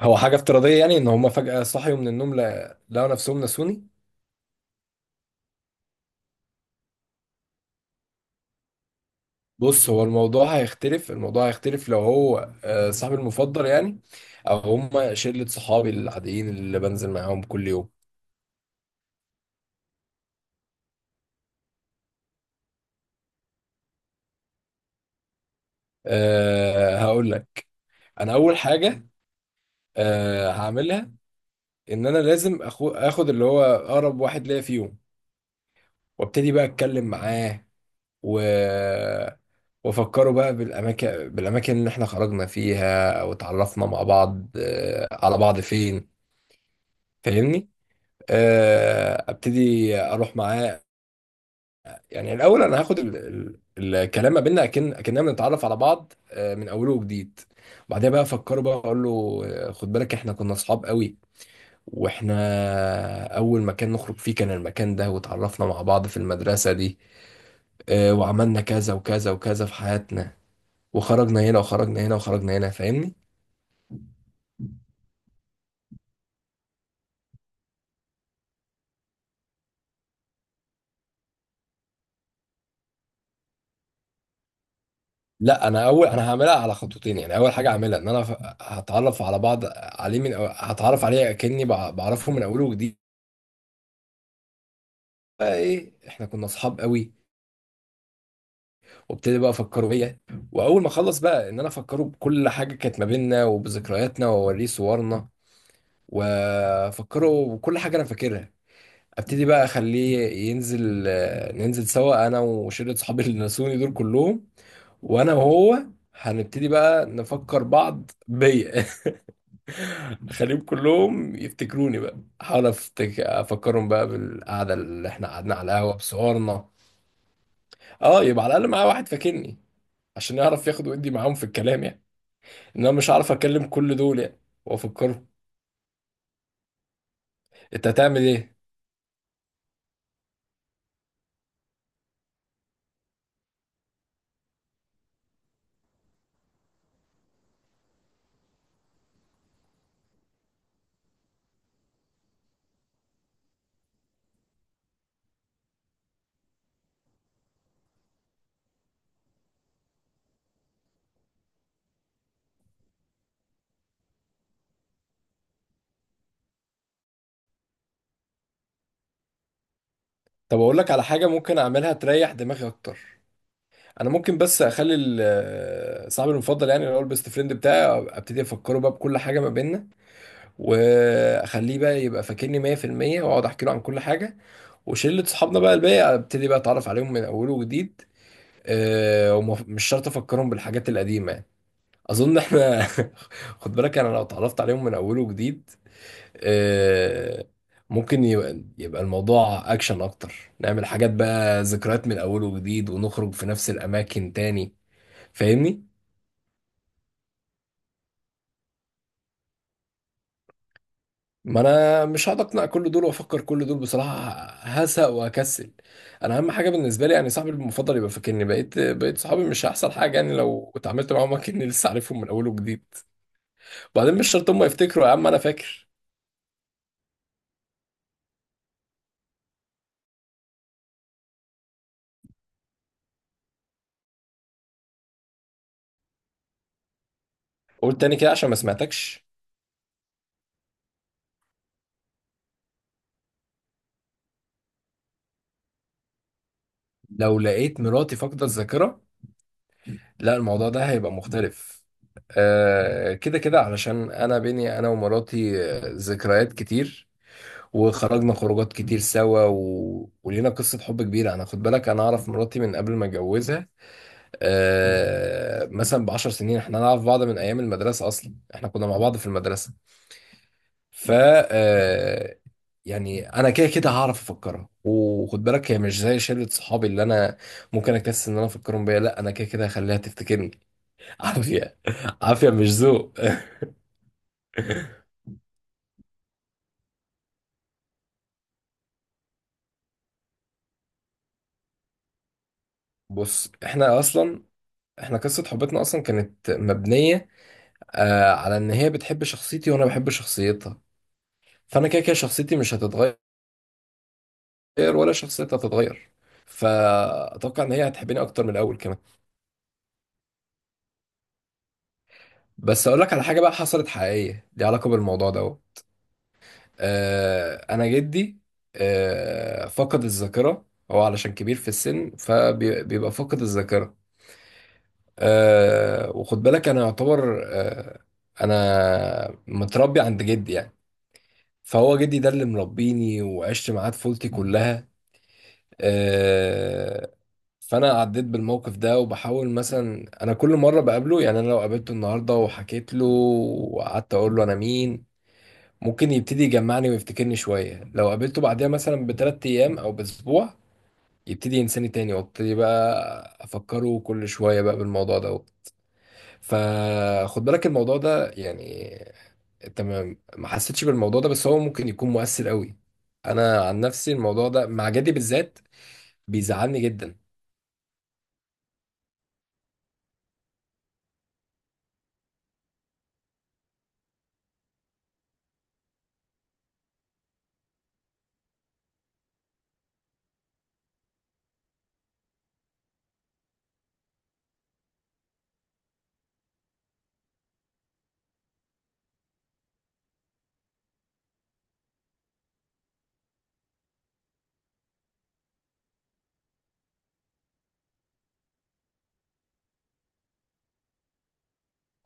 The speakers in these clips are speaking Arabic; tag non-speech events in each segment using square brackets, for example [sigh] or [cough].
هو حاجة افتراضية يعني ان هما فجأة صحيوا من النوم لقوا نفسهم نسوني. بص، هو الموضوع هيختلف، الموضوع هيختلف لو هو صاحبي المفضل يعني، او هما شلة صحابي العاديين اللي بنزل معاهم كل يوم. هقول لك. انا اول حاجة هعملها ان انا لازم اخد اللي هو اقرب واحد ليا فيهم، وابتدي بقى اتكلم معاه و وافكره بقى بالاماكن اللي احنا خرجنا فيها او اتعرفنا مع بعض آه، على بعض فين. فاهمني؟ ابتدي اروح معاه. يعني الاول انا هاخد الكلام ما بيننا اكننا بنتعرف على بعض من اوله وجديد. بعدها بقى افكره، بقى اقول له خد بالك احنا كنا اصحاب قوي، واحنا اول مكان نخرج فيه كان المكان ده، وتعرفنا مع بعض في المدرسة دي. وعملنا كذا وكذا وكذا في حياتنا، وخرجنا هنا وخرجنا هنا وخرجنا هنا. فاهمني؟ لا، انا هعملها على خطوتين. يعني اول حاجه هعملها ان انا هتعرف على بعض عليه هتعرف عليه كاني بعرفه من اوله وجديد. بقى ايه، احنا كنا اصحاب قوي، وابتدي بقى افكره بيا. واول ما اخلص بقى ان انا افكره بكل حاجه كانت ما بيننا وبذكرياتنا، واوريه صورنا وافكره بكل حاجه انا فاكرها. ابتدي بقى اخليه ينزل آه، ننزل سوا، انا وشله صحابي اللي نسوني دول كلهم. وانا وهو هنبتدي بقى نفكر بعض بيا. [laughs] خليهم كلهم يفتكروني بقى. احاول افكرهم بقى بالقعده اللي احنا قعدنا على القهوه بصورنا. اه، يبقى على الاقل معايا واحد فاكرني، عشان يعرف ياخد ويدي معاهم في الكلام، يعني ان انا مش هعرف اكلم كل دول يعني وافكرهم. انت هتعمل ايه؟ طب اقول لك على حاجه ممكن اعملها تريح دماغي اكتر. انا ممكن بس اخلي صاحبي المفضل، يعني اللي هو البيست فريند بتاعي، ابتدي افكره بقى بكل حاجه ما بيننا، واخليه بقى يبقى فاكرني 100%، واقعد احكي له عن كل حاجه. وشلة صحابنا بقى الباقي ابتدي بقى اتعرف عليهم من اول وجديد. ومش شرط افكرهم بالحاجات القديمه يعني. اظن احنا. [laughs] خد بالك، انا لو اتعرفت عليهم من اول وجديد، أه ممكن يبقى الموضوع اكشن اكتر. نعمل حاجات بقى، ذكريات من اول وجديد، ونخرج في نفس الاماكن تاني. فاهمني؟ ما انا مش هقعد اقنع كل دول وافكر كل دول بصراحه، هسق وهكسل. انا اهم حاجه بالنسبه لي يعني صاحبي المفضل يبقى فاكرني. بقيت صحابي مش هيحصل حاجه، يعني لو اتعاملت معاهم كاني لسه عارفهم من اول وجديد. وبعدين مش شرط هم يفتكروا. يا عم انا فاكر. قول تاني كده عشان ما سمعتكش. لو لقيت مراتي فاقده الذاكره، لا، الموضوع ده هيبقى مختلف. كده كده، علشان انا بيني انا ومراتي ذكريات كتير، وخرجنا خروجات كتير سوا ولينا قصة حب كبيرة. خد بالك، أنا أعرف مراتي من قبل ما أتجوزها مثلا ب10 سنين. إحنا نعرف بعض من أيام المدرسة، أصلا إحنا كنا مع بعض في المدرسة. ف آه... يعني أنا كده كده هعرف أفكرها، وخد بالك هي مش زي شلة صحابي اللي أنا ممكن أكسل إن أنا أفكرهم بيا. لأ، أنا كده كده هخليها تفتكرني. [laughs] عافية. عافية مش ذوق. [laughs] بص، إحنا قصة حبتنا أصلا كانت مبنية على ان هي بتحب شخصيتي وانا بحب شخصيتها. فانا كده كده شخصيتي مش هتتغير، ولا شخصيتها هتتغير. فاتوقع ان هي هتحبني اكتر من الاول كمان. بس اقول لك على حاجه بقى حصلت حقيقيه ليها علاقه بالموضوع ده اهو. انا جدي فقد الذاكره، هو علشان كبير في السن فبيبقى فاقد الذاكره. وخد بالك انا يعتبر، انا متربي عند جدي يعني، فهو جدي ده اللي مربيني وعشت معاه طفولتي كلها. آه، فانا عديت بالموقف ده، وبحاول مثلا انا كل مره بقابله. يعني انا لو قابلته النهارده وحكيت له وقعدت اقول له انا مين، ممكن يبتدي يجمعني ويفتكرني شويه. لو قابلته بعدها مثلا ب3 ايام او باسبوع، يبتدي ينساني تاني، وابتدي بقى افكره كل شويه بقى بالموضوع ده. فخد بالك الموضوع ده يعني، انت ما حسيتش بالموضوع ده بس هو ممكن يكون مؤثر قوي. انا عن نفسي الموضوع ده مع جدي بالذات بيزعلني جدا.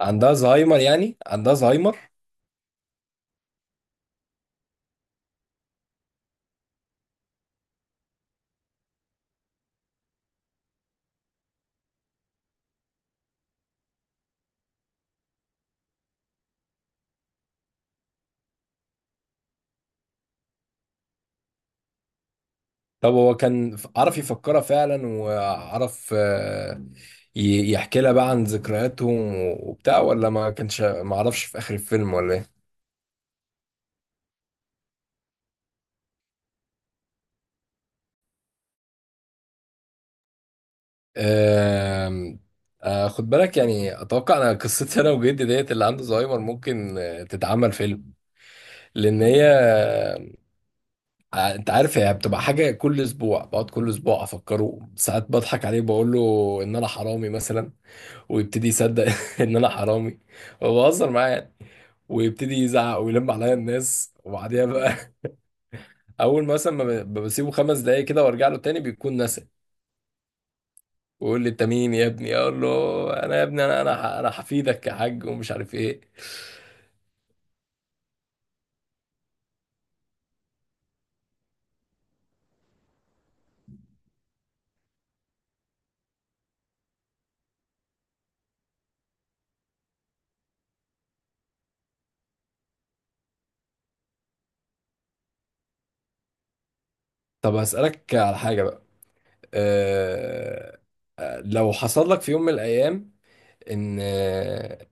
عندها زهايمر، يعني عندها زهايمر. طب هو كان عرف يفكرها فعلا، وعرف يحكي لها بقى عن ذكرياتهم وبتاع، ولا ما عرفش في اخر الفيلم، ولا ايه؟ آم، آه، خد بالك، يعني اتوقع انا قصتي انا وجدي ديت اللي عنده زهايمر ممكن تتعمل فيلم. لان هي آه، آه، انت عارف هي بتبقى حاجه كل اسبوع، بقعد كل اسبوع افكره ساعات، بضحك عليه بقول له ان انا حرامي مثلا، ويبتدي يصدق [laughs] ان انا حرامي. وبهزر معاه يعني، ويبتدي يزعق ويلم عليا الناس وبعديها بقى، [laughs] اول ما مثلا ما ب- بسيبه 5 دقايق كده وارجع له تاني بيكون نسى، ويقول لي انت مين يا ابني، اقول له انا يا ابني، انا حفيدك يا حاج ومش عارف ايه. طب هسألك على حاجة بقى. أه لو حصل لك في يوم من الأيام إن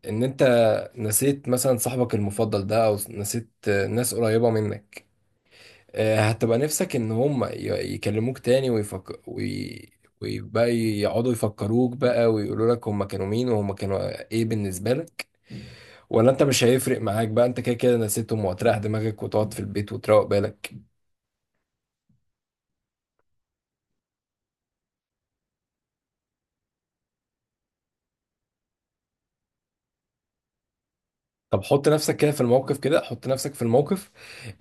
أنت نسيت مثلا صاحبك المفضل ده أو نسيت ناس قريبة منك، هتبقى نفسك ان هم يكلموك تاني ويبقى يقعدوا يفكروك بقى ويقولوا لك هم كانوا مين وهم كانوا ايه بالنسبة لك، ولا انت مش هيفرق معاك بقى انت كده كده نسيتهم وهتريح دماغك وتقعد في البيت وتروق بالك؟ طب حط نفسك كده في الموقف، كده حط نفسك في الموقف.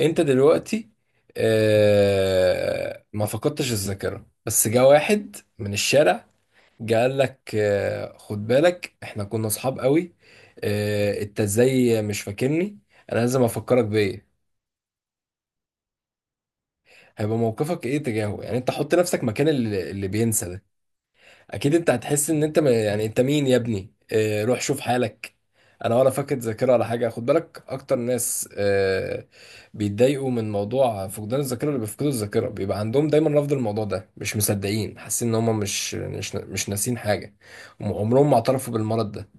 انت دلوقتي ما فقدتش الذاكرة، بس جه واحد من الشارع قال لك خد بالك احنا كنا اصحاب قوي، انت ازاي مش فاكرني؟ انا لازم افكرك بايه؟ هيبقى موقفك ايه تجاهه؟ يعني انت حط نفسك مكان اللي بينسى ده. اكيد انت هتحس ان انت يعني، انت مين يا ابني؟ روح شوف حالك. انا ولا فاقد ذاكره ولا حاجه. خد بالك اكتر ناس بيتضايقوا من موضوع فقدان الذاكره، اللي بيفقدوا الذاكره بيبقى عندهم دايما رفض الموضوع ده، مش مصدقين، حاسين ان هم مش ناسين حاجه. هم عمرهم ما اعترفوا بالمرض ده.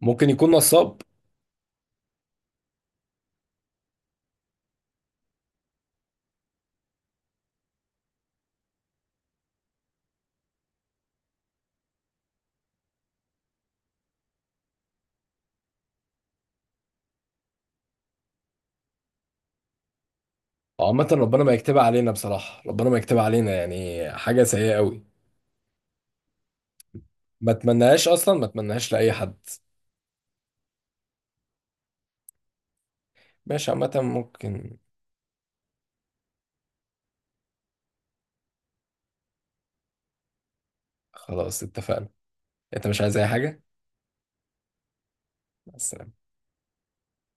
ممكن يكون نصاب. وعامة ربنا ما يكتبها علينا بصراحة، ربنا ما يكتبها علينا، يعني حاجة سيئة قوي. ما اتمناهاش أصلا، ما اتمناهاش لأي حد. ماشي، عامة ممكن. خلاص اتفقنا. أنت مش عايز أي حاجة؟ مع السلامة.